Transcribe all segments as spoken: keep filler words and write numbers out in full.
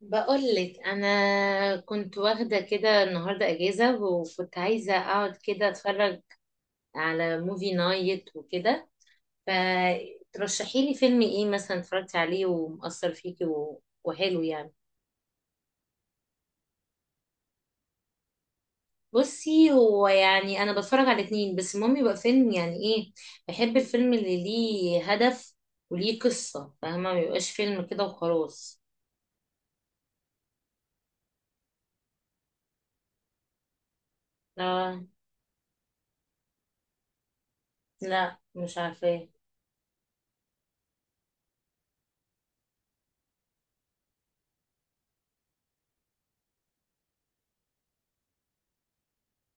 بقولك، انا كنت واخده كده النهارده اجازه، وكنت عايزه اقعد كده اتفرج على موفي نايت وكده. فترشحي لي فيلم ايه مثلا اتفرجتي عليه ومأثر فيكي و- وحلو يعني؟ بصي، هو يعني انا بتفرج على اتنين، بس المهم يبقى فيلم يعني ايه. بحب الفيلم اللي ليه هدف وليه قصه، فاهمه، ما يبقاش فيلم كده وخلاص. لا، لا، مش عارفه.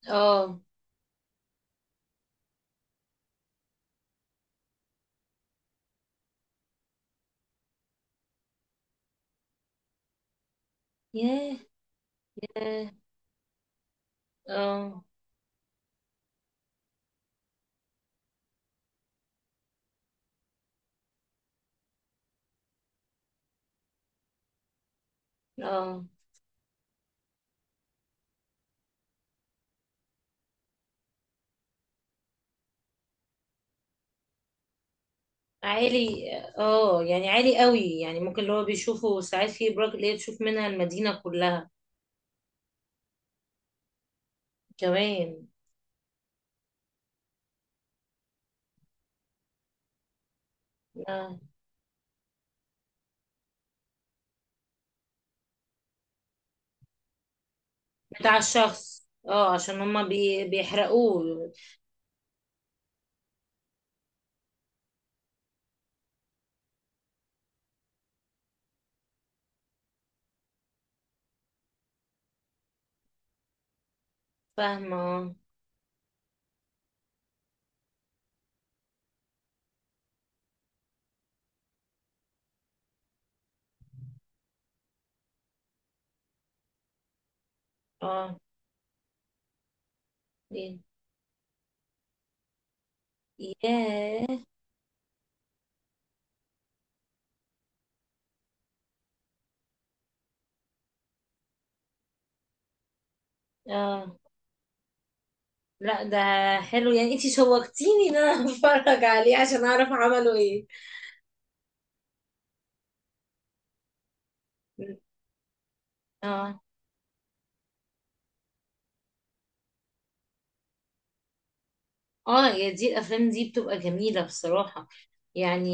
اه. ياه. اه. اه. آه. عالي. اه، يعني عالي قوي، يعني ممكن اللي هو بيشوفه ساعات في ابراج اللي هي تشوف منها المدينة كلها. كمان. آه. بتاع الشخص، اه، عشان هما بي... بيحرقوه. فاهمة. اه. اه. إيه. ياه. اه. لا، ده حلو يعني، انتي شوقتيني ان انا اتفرج عليه عشان اعرف عملوا ايه. اه. اه، يا دي الافلام دي بتبقى جميله بصراحه يعني.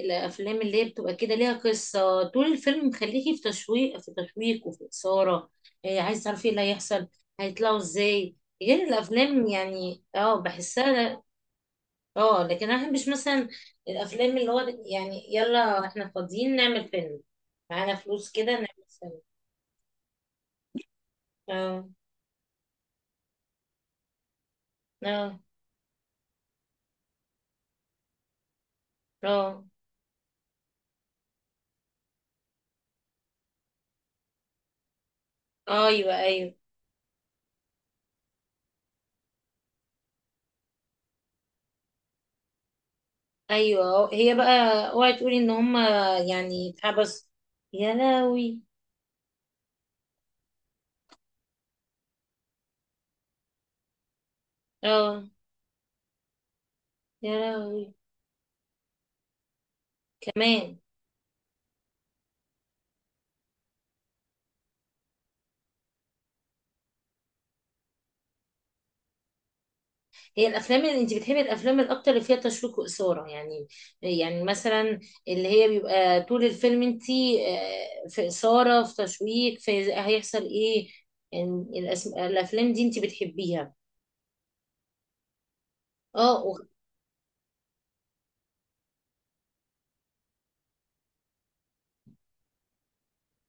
الافلام اللي هي بتبقى كده ليها قصه، طول الفيلم مخليكي في تشويق في تشويق وفي اثاره. إيه، عايز تعرفي ايه اللي هيحصل، هيطلعوا ازاي، غير الافلام يعني، اه، بحسها. اه، لكن انا مش مثلا الافلام اللي هو، يعني يلا احنا فاضيين نعمل فيلم، معانا فلوس كده نعمل فيلم. اه. اه. اه. آه، ايوه، ايوه. ايوه، هي بقى اوعي تقولي ان هما يعني اتحبس؟ يا لهوي. اه، يا لهوي. كمان. هي الافلام اللي انت بتحبي الافلام الاكتر اللي فيها تشويق واثاره يعني يعني مثلا اللي هي بيبقى طول الفيلم انت، آه، في اثاره في تشويق في هيحصل ايه يعني. الأس- الافلام دي انت بتحبيها. اه. و...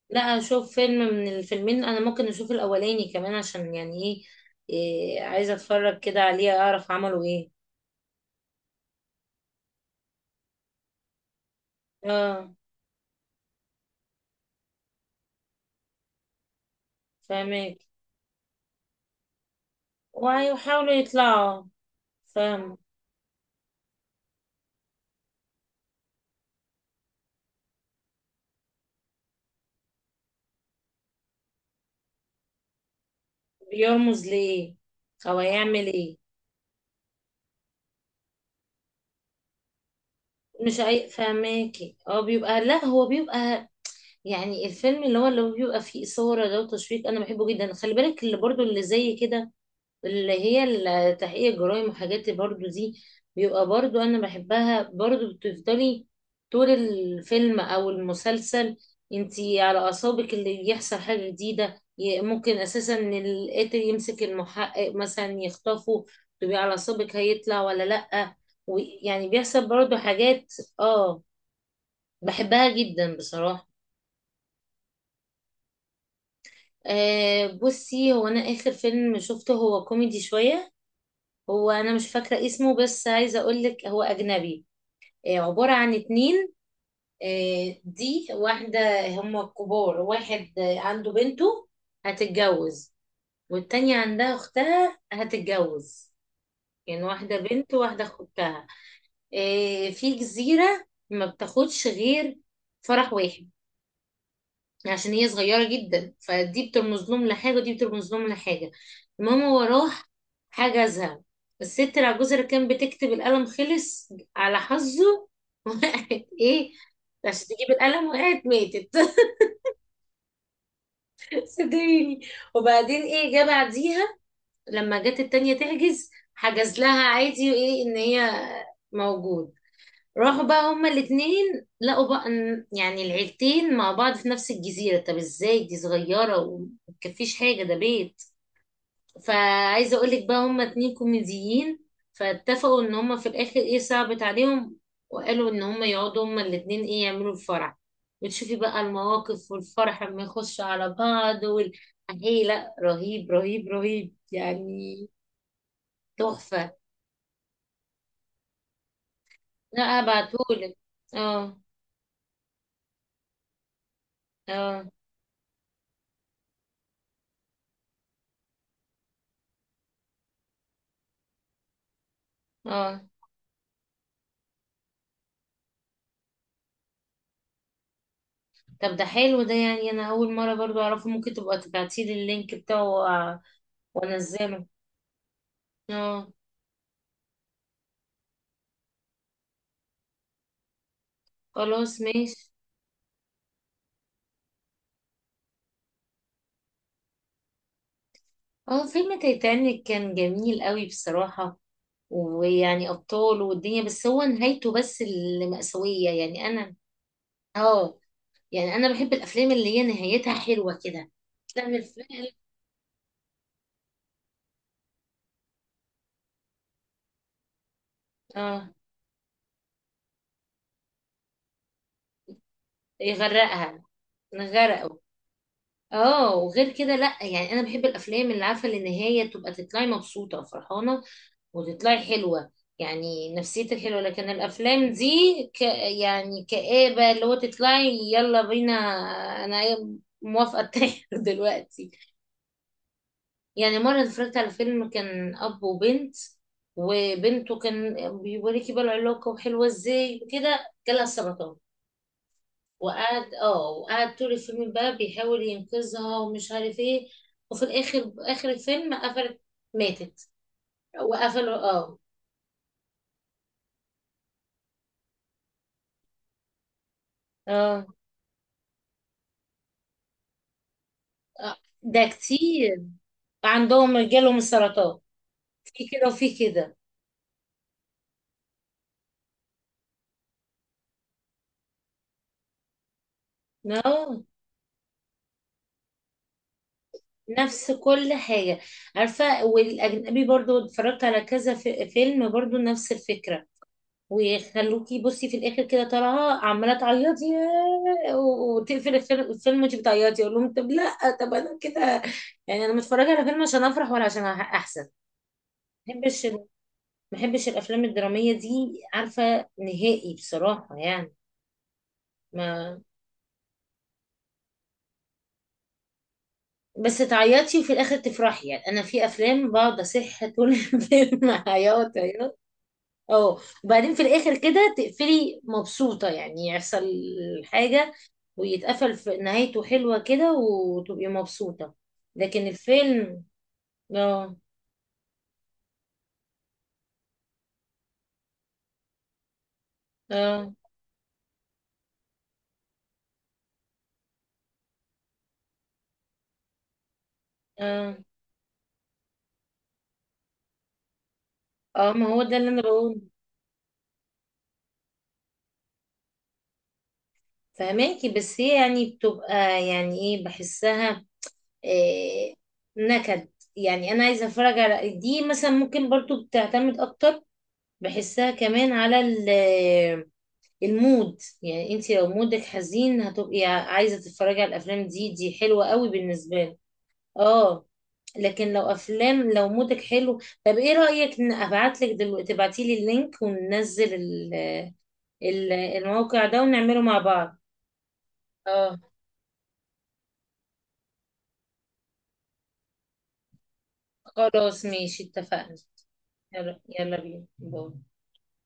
لا، اشوف فيلم من الفيلمين، انا ممكن اشوف الاولاني كمان عشان يعني ايه إيه، عايزه اتفرج كده عليه اعرف عملوا ايه. اه، فاهمك. وهيحاولوا يطلعوا، فاهم. بيرمز ليه او هيعمل ايه. مش اي، فاهماكي، هو بيبقى، لا، هو بيبقى، يعني الفيلم اللي هو اللي هو بيبقى فيه اثاره ده وتشويق، انا بحبه جدا. خلي بالك اللي برضو اللي زي كده، اللي هي التحقيق الجرائم وحاجات برضو دي، بيبقى برضو انا بحبها برضو. بتفضلي طول الفيلم او المسلسل انتي على اعصابك، اللي يحصل حاجة جديدة، ي- ممكن اساسا ان القاتل يمسك المحقق مثلا يخطفه، تبقي على اعصابك هيطلع ولا لأ، ويعني بيحصل برضو حاجات. اه، بحبها جدا بصراحة. آه، بصي، هو انا اخر فيلم شفته هو كوميدي شوية. هو انا مش فاكره اسمه، بس عايزه اقول لك، هو اجنبي. آه، عباره عن اتنين. آه، دي واحده هم كبار، واحد آه، عنده بنته هتتجوز، والتانية عندها اختها هتتجوز، يعني واحده بنت وواحده اختها. آه، في جزيره. ما بتاخدش غير فرح واحد عشان هي صغيرة جدا، فدي بترمز لهم لحاجة ودي بترمز لهم لحاجة. المهم، هو راح حجزها الست العجوزة اللي كانت بتكتب، القلم خلص على حظه وقعت ايه عشان تجيب القلم، وقعت ماتت صدقيني. وبعدين ايه جه بعديها؟ لما جت التانية تحجز، حجز لها عادي، وايه ان هي موجود. راحوا بقى هما الاتنين لقوا بقى، إن- يعني العيلتين مع بعض في نفس الجزيرة، طب ازاي دي صغيرة ومتكفيش حاجة، ده بيت. فعايزة اقولك بقى هما اتنين كوميديين، فاتفقوا ان هما في الاخر ايه، صعبت عليهم، وقالوا ان هما يقعدوا هما الاتنين ايه يعملوا الفرح، وتشوفي بقى المواقف والفرح لما يخش على بعض وال ايه، لا، رهيب، رهيب، رهيب يعني. تحفة. لا، ابعتهولك. اه. اه. اه. طب ده حلو، ده يعني انا اول مره برضو اعرفه، ممكن تبقى تبعتيلي اللينك بتاعه وأ- وانزله. اه، خلاص ماشي. اه، فيلم تايتانيك كان جميل قوي بصراحه، ويعني ابطال والدنيا، بس هو نهايته بس اللي مأساويه، يعني انا. اه، يعني انا بحب الافلام اللي هي نهايتها حلوه كده. افلام الفيلم. اه، يغرقها. نغرقه. اه، وغير كده لا يعني انا بحب الافلام اللي عارفه اللي النهايه تبقى تطلعي مبسوطه وفرحانه وتطلعي حلوة، يعني نفسيتك حلوة. لكن الأفلام دي، ك... يعني كآبة، اللي هو تطلعي يلا بينا. أنا موافقة أتاخر دلوقتي. يعني مرة اتفرجت على فيلم كان أب وبنت، وبنته كان بيوريكي بقى العلاقة وحلوة ازاي وكده، جالها سرطان، وقعد اه وقعد طول الفيلم بقى بيحاول ينقذها ومش عارف ايه، وفي الآخر آخر الفيلم قفلت، ماتت وقفلوا. اه. اه. آه، ده كتير، عندهم جالهم السرطان، في كده وفي كده. No. نفس كل حاجة. عارفة، والأجنبي برضو اتفرجت على كذا في فيلم برضو نفس الفكرة، ويخلوكي بصي في الآخر كده طالعة عمالة تعيطي، ياه، و- وتقفل الفيلم الفيلم وانتي بتعيطي، أقول لهم طب لأ، طب أنا كده يعني، أنا متفرجة على فيلم عشان أفرح ولا عشان أح- أحزن؟ ما بحبش ما بحبش الأفلام الدرامية دي، عارفة، نهائي بصراحة يعني. ما بس تعيطي وفي الاخر تفرحي، يعني انا في افلام بقعد اصح طول الفيلم عياط عياط. اه. وبعدين في الاخر كده تقفلي مبسوطه، يعني يحصل حاجه ويتقفل في نهايته حلوه كده وتبقي مبسوطه. لكن الفيلم. اه. اه. اه. اه، ما هو ده اللي انا بقوله. فهماكي، بس هي يعني بتبقى، يعني ايه، بحسها. إيه. نكد. يعني انا عايزه اتفرج على دي مثلا، ممكن برضو بتعتمد اكتر، بحسها كمان على ال- آه، المود. يعني انت لو مودك حزين هتبقي عايزة تتفرجي على الافلام دي، دي حلوة قوي بالنسبة لي. اه، لكن لو افلام لو مودك حلو، طب ايه رأيك ان ابعت لك دلوقتي، تبعتي لي اللينك وننزل ال- آه، ال- آه، الموقع ده ونعمله مع بعض. اه، خلاص ماشي اتفقنا. يلا، يلا بينا، باي.